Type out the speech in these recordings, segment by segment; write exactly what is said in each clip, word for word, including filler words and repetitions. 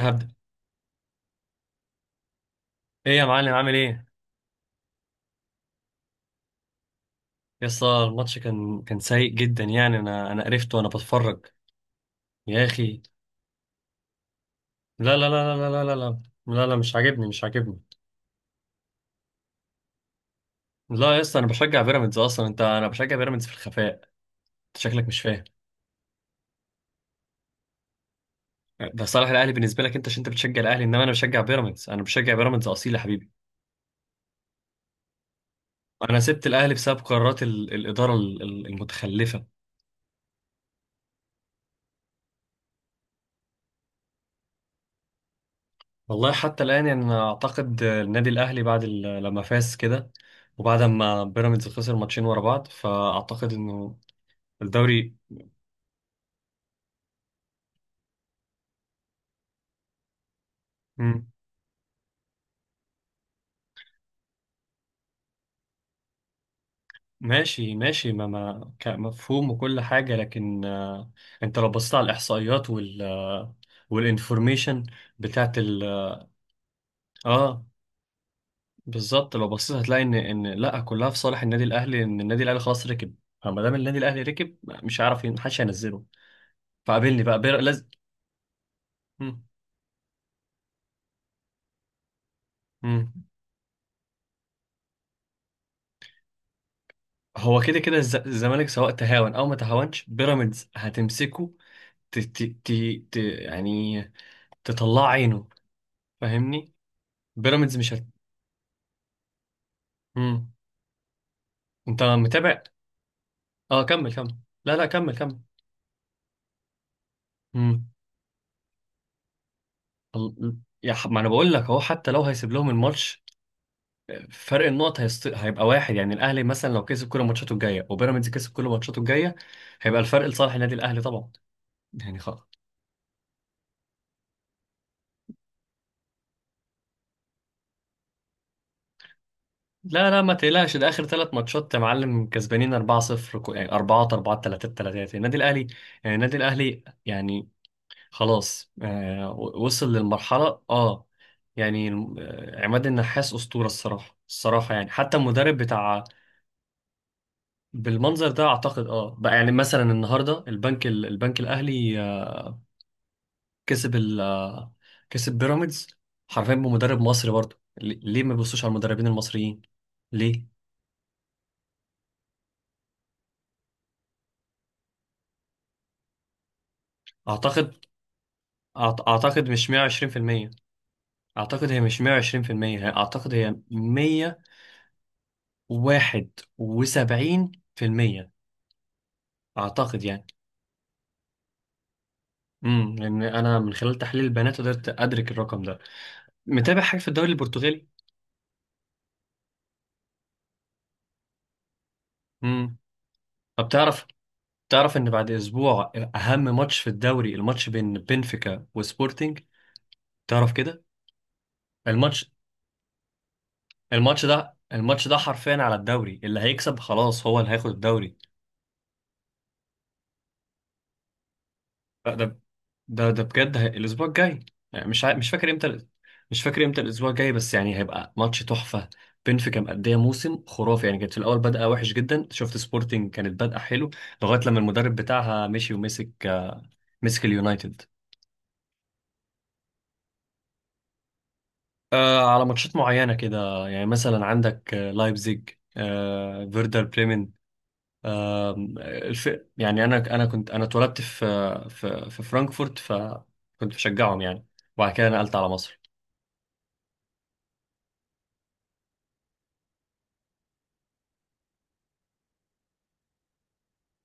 هبدأ. ايه يا معلم، عامل ايه؟ يا اسطى، الماتش كان كان سيء جدا، يعني انا انا قرفت وانا بتفرج. يا اخي، لا لا لا لا لا لا لا لا لا لا، مش عاجبني مش عاجبني. لا يا اسطى، انا بشجع بيراميدز اصلا، انت انا بشجع بيراميدز في الخفاء. انت شكلك مش فاهم. ده صالح الاهلي بالنسبه لك انت، عشان انت بتشجع الاهلي، انما انا بشجع بيراميدز، انا بشجع بيراميدز اصيل يا حبيبي. انا سبت الاهلي بسبب قرارات ال- الاداره ال- ال- المتخلفه. والله حتى الآن، يعني أنا أعتقد النادي الأهلي بعد ال- لما فاز كده، وبعد ما بيراميدز خسر ماتشين ورا بعض، فأعتقد إنه الدوري. مم، ماشي ماشي، ما ما كمفهوم وكل حاجة، لكن آه، أنت لو بصيت على الإحصائيات وال آه، والإنفورميشن بتاعت ال آه بالظبط. لو بصيت هتلاقي إن إن لأ، كلها في صالح النادي الأهلي، إن النادي الأهلي خلاص ركب. فما دام النادي الأهلي ركب، مش هيعرف ين- محدش هينزله، فقابلني بقى بير... لازم. مم، مم. هو كده كده الز- الزمالك، سواء تهاون او ما تهاونش، بيراميدز هتمسكه، ت ت ت ت يعني تطلع عينه. فاهمني؟ بيراميدز مش هت... مم. انت متابع. اه، كمل كمل. لا لا، كمل كمل. مم. ال- يا ح- ما انا بقول لك اهو، حتى لو هيسيب لهم الماتش، فرق النقط هيست... هيبقى واحد. يعني الاهلي مثلا لو كسب كل ماتشاته الجايه وبيراميدز كسب كل ماتشاته الجايه، هيبقى الفرق لصالح النادي الاهلي طبعا. يعني خلاص. لا لا، ما تقلقش، ده اخر ثلاث ماتشات يا معلم كسبانين اربعة صفر، كو- يعني اربعة اربعة تلاتة تلاتة النادي الاهلي، يعني النادي الاهلي. يعني خلاص، آه و- وصل للمرحله. اه، يعني آه، عماد النحاس اسطوره الصراحه الصراحه، يعني حتى المدرب بتاع بالمنظر ده، اعتقد. اه بقى، يعني مثلا النهارده البنك ال- البنك الاهلي آه، كسب ال آه، كسب بيراميدز حرفيا بمدرب مصري. برضه ليه ليه ما بيبصوش على المدربين المصريين؟ ليه؟ اعتقد أعت- اعتقد مش مية وعشرين في المية. اعتقد هي مش مية وعشرين بالمية، هي اعتقد هي مية وواحد وسبعين في المية، اعتقد يعني. امم لان انا من خلال تحليل البيانات قدرت ادرك الرقم ده. متابع حاجه في الدوري البرتغالي؟ امم. طب تعرف، تعرف ان بعد اسبوع اهم ماتش في الدوري، الماتش بين بنفيكا وسبورتنج، تعرف كده؟ الماتش الماتش ده، الماتش ده حرفيا على الدوري، اللي هيكسب خلاص هو اللي هياخد الدوري. ده ده بجد هي... الاسبوع الجاي، يعني مش ع... مش فاكر امتى، مش فاكر امتى الاسبوع الجاي بس، يعني هيبقى ماتش تحفه. بنفيكا مأديه موسم خرافي، يعني كانت في الاول بادئه وحش جدا، شفت سبورتنج كانت بادئه حلو لغايه لما المدرب بتاعها مشي ومسك، مسك اليونايتد. آه على ماتشات معينه كده، يعني مثلا عندك آه، لايبزيج، آه فيردر بريمن، آه الف... يعني انا انا كنت انا اتولدت في في في فرانكفورت، فكنت بشجعهم يعني، وبعد كده نقلت على مصر.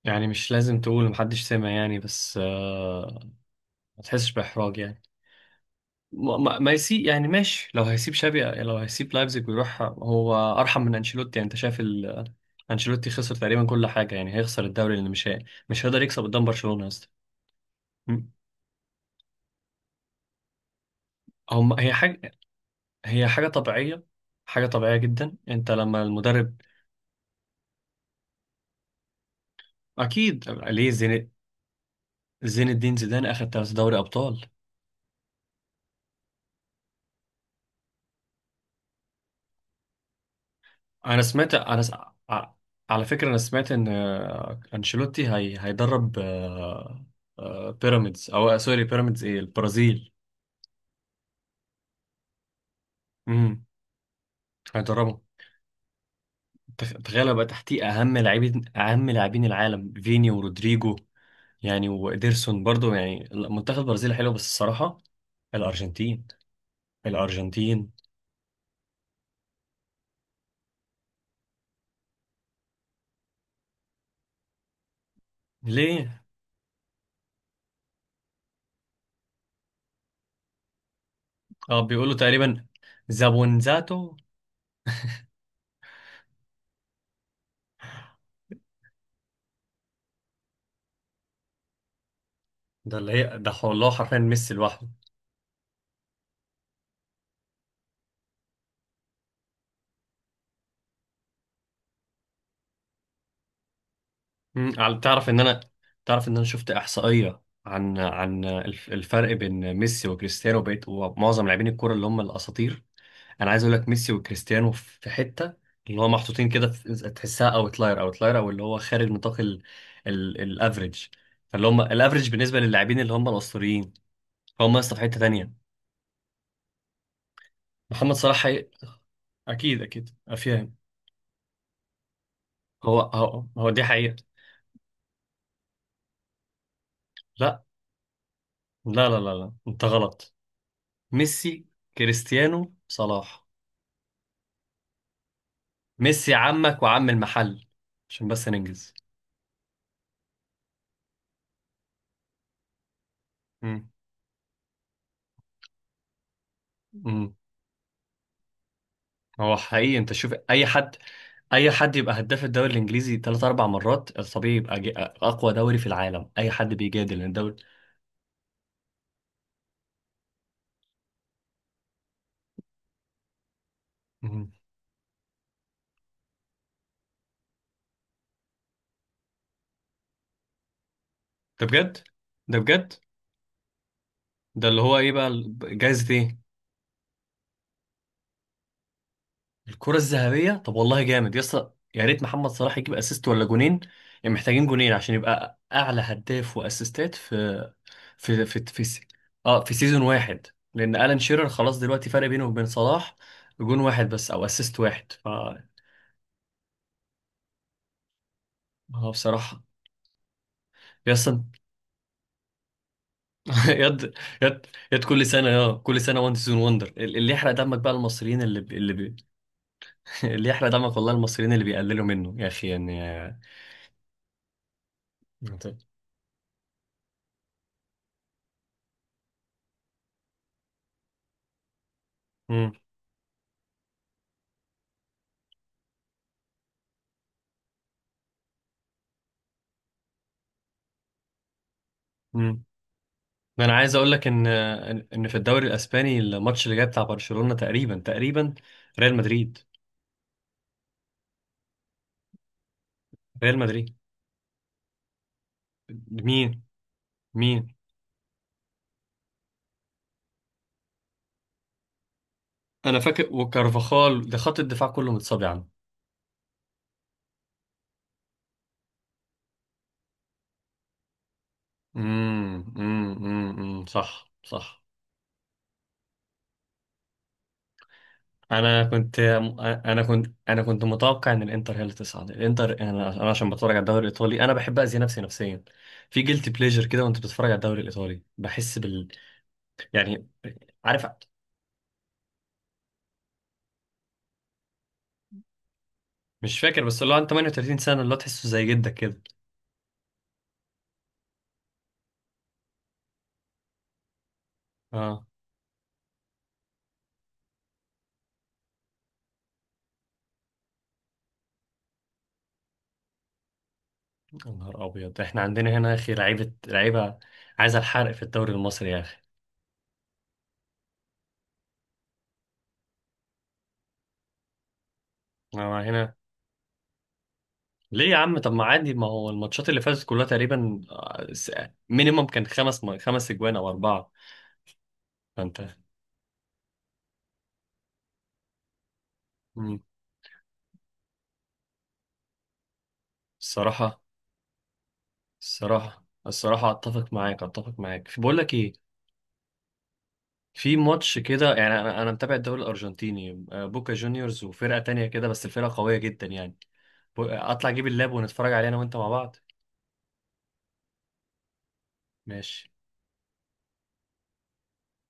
يعني مش لازم تقول، محدش سمع يعني، بس آه ما تحسش بإحراج يعني. ما, ما ما يسيب يعني، ماشي، لو هيسيب شابي، لو هيسيب لايبزيج ويروح، هو أرحم من أنشيلوتي. يعني أنت شايف، ال- أنشيلوتي خسر تقريبا كل حاجة، يعني هيخسر الدوري، لأنه مش هي... مش هيقدر يكسب قدام برشلونة يا اسطى. م- هم هي حاجة، هي حاجة طبيعية، حاجة طبيعية جدا. أنت لما المدرب. أكيد ليه زين، زين الدين زيدان أخد تلات دوري أبطال. انا سمعت، انا س... ع- على فكره انا سمعت ان آه، انشيلوتي هي... هيدرب آه، آه، بيراميدز او آه، سوري بيراميدز، ايه، البرازيل. امم. هيدربه. تخ- تخيل بقى تحتيه اهم لاعبين، اهم لاعبين العالم فيني ورودريجو، يعني وإيدرسون برضو. يعني منتخب البرازيل حلو بس الصراحه، الارجنتين. الارجنتين. ليه؟ اه، بيقولوا تقريبا زابونزاتو. ده اللي هي ده والله حرفيا ميسي لوحده. مم، على تعرف ان انا، تعرف ان انا شفت احصائيه عن عن الف- الفرق بين ميسي وكريستيانو بقيت ومعظم لاعبين الكوره اللي هم الاساطير. انا عايز اقول لك ميسي وكريستيانو في حته، اللي هو محطوطين كده في- تحسها اوتلاير، اوتلاير او اللي هو خارج نطاق ال- ال- الافريج. فاللي هم الافريج بالنسبه للاعبين اللي هم الاسطوريين، فهم لسه في حته تانيه. محمد صلاح حقيقي. اكيد اكيد افهم. هو هو هو دي حقيقه. لا لا لا لا، لا. انت غلط. ميسي، كريستيانو، صلاح. ميسي عمك وعم المحل. عشان بس ننجز. مم. مم. هو حقيقي، انت شوف اي حد، اي حد يبقى هداف الدوري الانجليزي ثلاث اربع مرات، الطبيعي يبقى جي- اقوى دوري في العالم، اي حد بيجادل ان الدوري. مم. ده بجد، ده بجد، ده اللي هو ايه بقى، ال- جايزة ايه؟ الكرة الذهبية. طب والله جامد يا اسطى، يا ريت محمد صلاح يجيب اسيست ولا جونين، يعني محتاجين جونين عشان يبقى اعلى هداف واسيستات في في في في س- اه، في سيزون واحد، لان الان شيرر خلاص دلوقتي فرق بينه وبين صلاح جون واحد بس او اسيست واحد. ف هو بصراحه يا اسطى يد يد يد كل سنه، اه كل سنه وان سيزون وندر. اللي يحرق دمك بقى المصريين اللي بي- اللي بي... اللي يحرق دمك والله المصريين اللي بيقللوا منه يا اخي، يعني آه، انت. امم. امم. ده انا عايز اقول لك ان آه، ان إن في الدوري الاسباني، الماتش اللي جاي بتاع برشلونه، تقريبا، تقريبا ريال مدريد، ريال مدريد. مين؟ مين؟ انا فاكر، وكارفاخال، ده خط الدفاع كله متصاب يعني. امم، امم، امم، أمم، صح صح. انا كنت انا كنت انا كنت متوقع ان الانتر هي اللي تصعد. الانتر انا انا عشان بتفرج على الدوري الايطالي، انا بحب اذي نفسي نفسيا. في جيلتي بليجر كده، وانت بتتفرج على الدوري الايطالي بحس بال، يعني. عارف. مش فاكر، بس اللي هو عن تمانية وتلاتين سنه، اللي هو تحسه زي جدك كده. اه. يا نهار ابيض، احنا عندنا هنا يا اخي لعيبه لعيبه، عايزه الحرق في الدوري المصري يا اخي. هنا، ليه يا عم؟ طب ما عادي، ما هو الماتشات اللي فاتت كلها تقريبا مينيمم كان خمس خمس اجوان او اربعه، فانت. مم. الصراحه، الصراحه الصراحه، اتفق معاك، اتفق معاك، في بقول لك ايه، في ماتش كده يعني. انا انا متابع الدوري الارجنتيني آه، بوكا جونيورز وفرقه تانية كده، بس الفرقه قويه جدا يعني. بو- اطلع اجيب اللاب ونتفرج عليه انا وانت مع بعض. ماشي.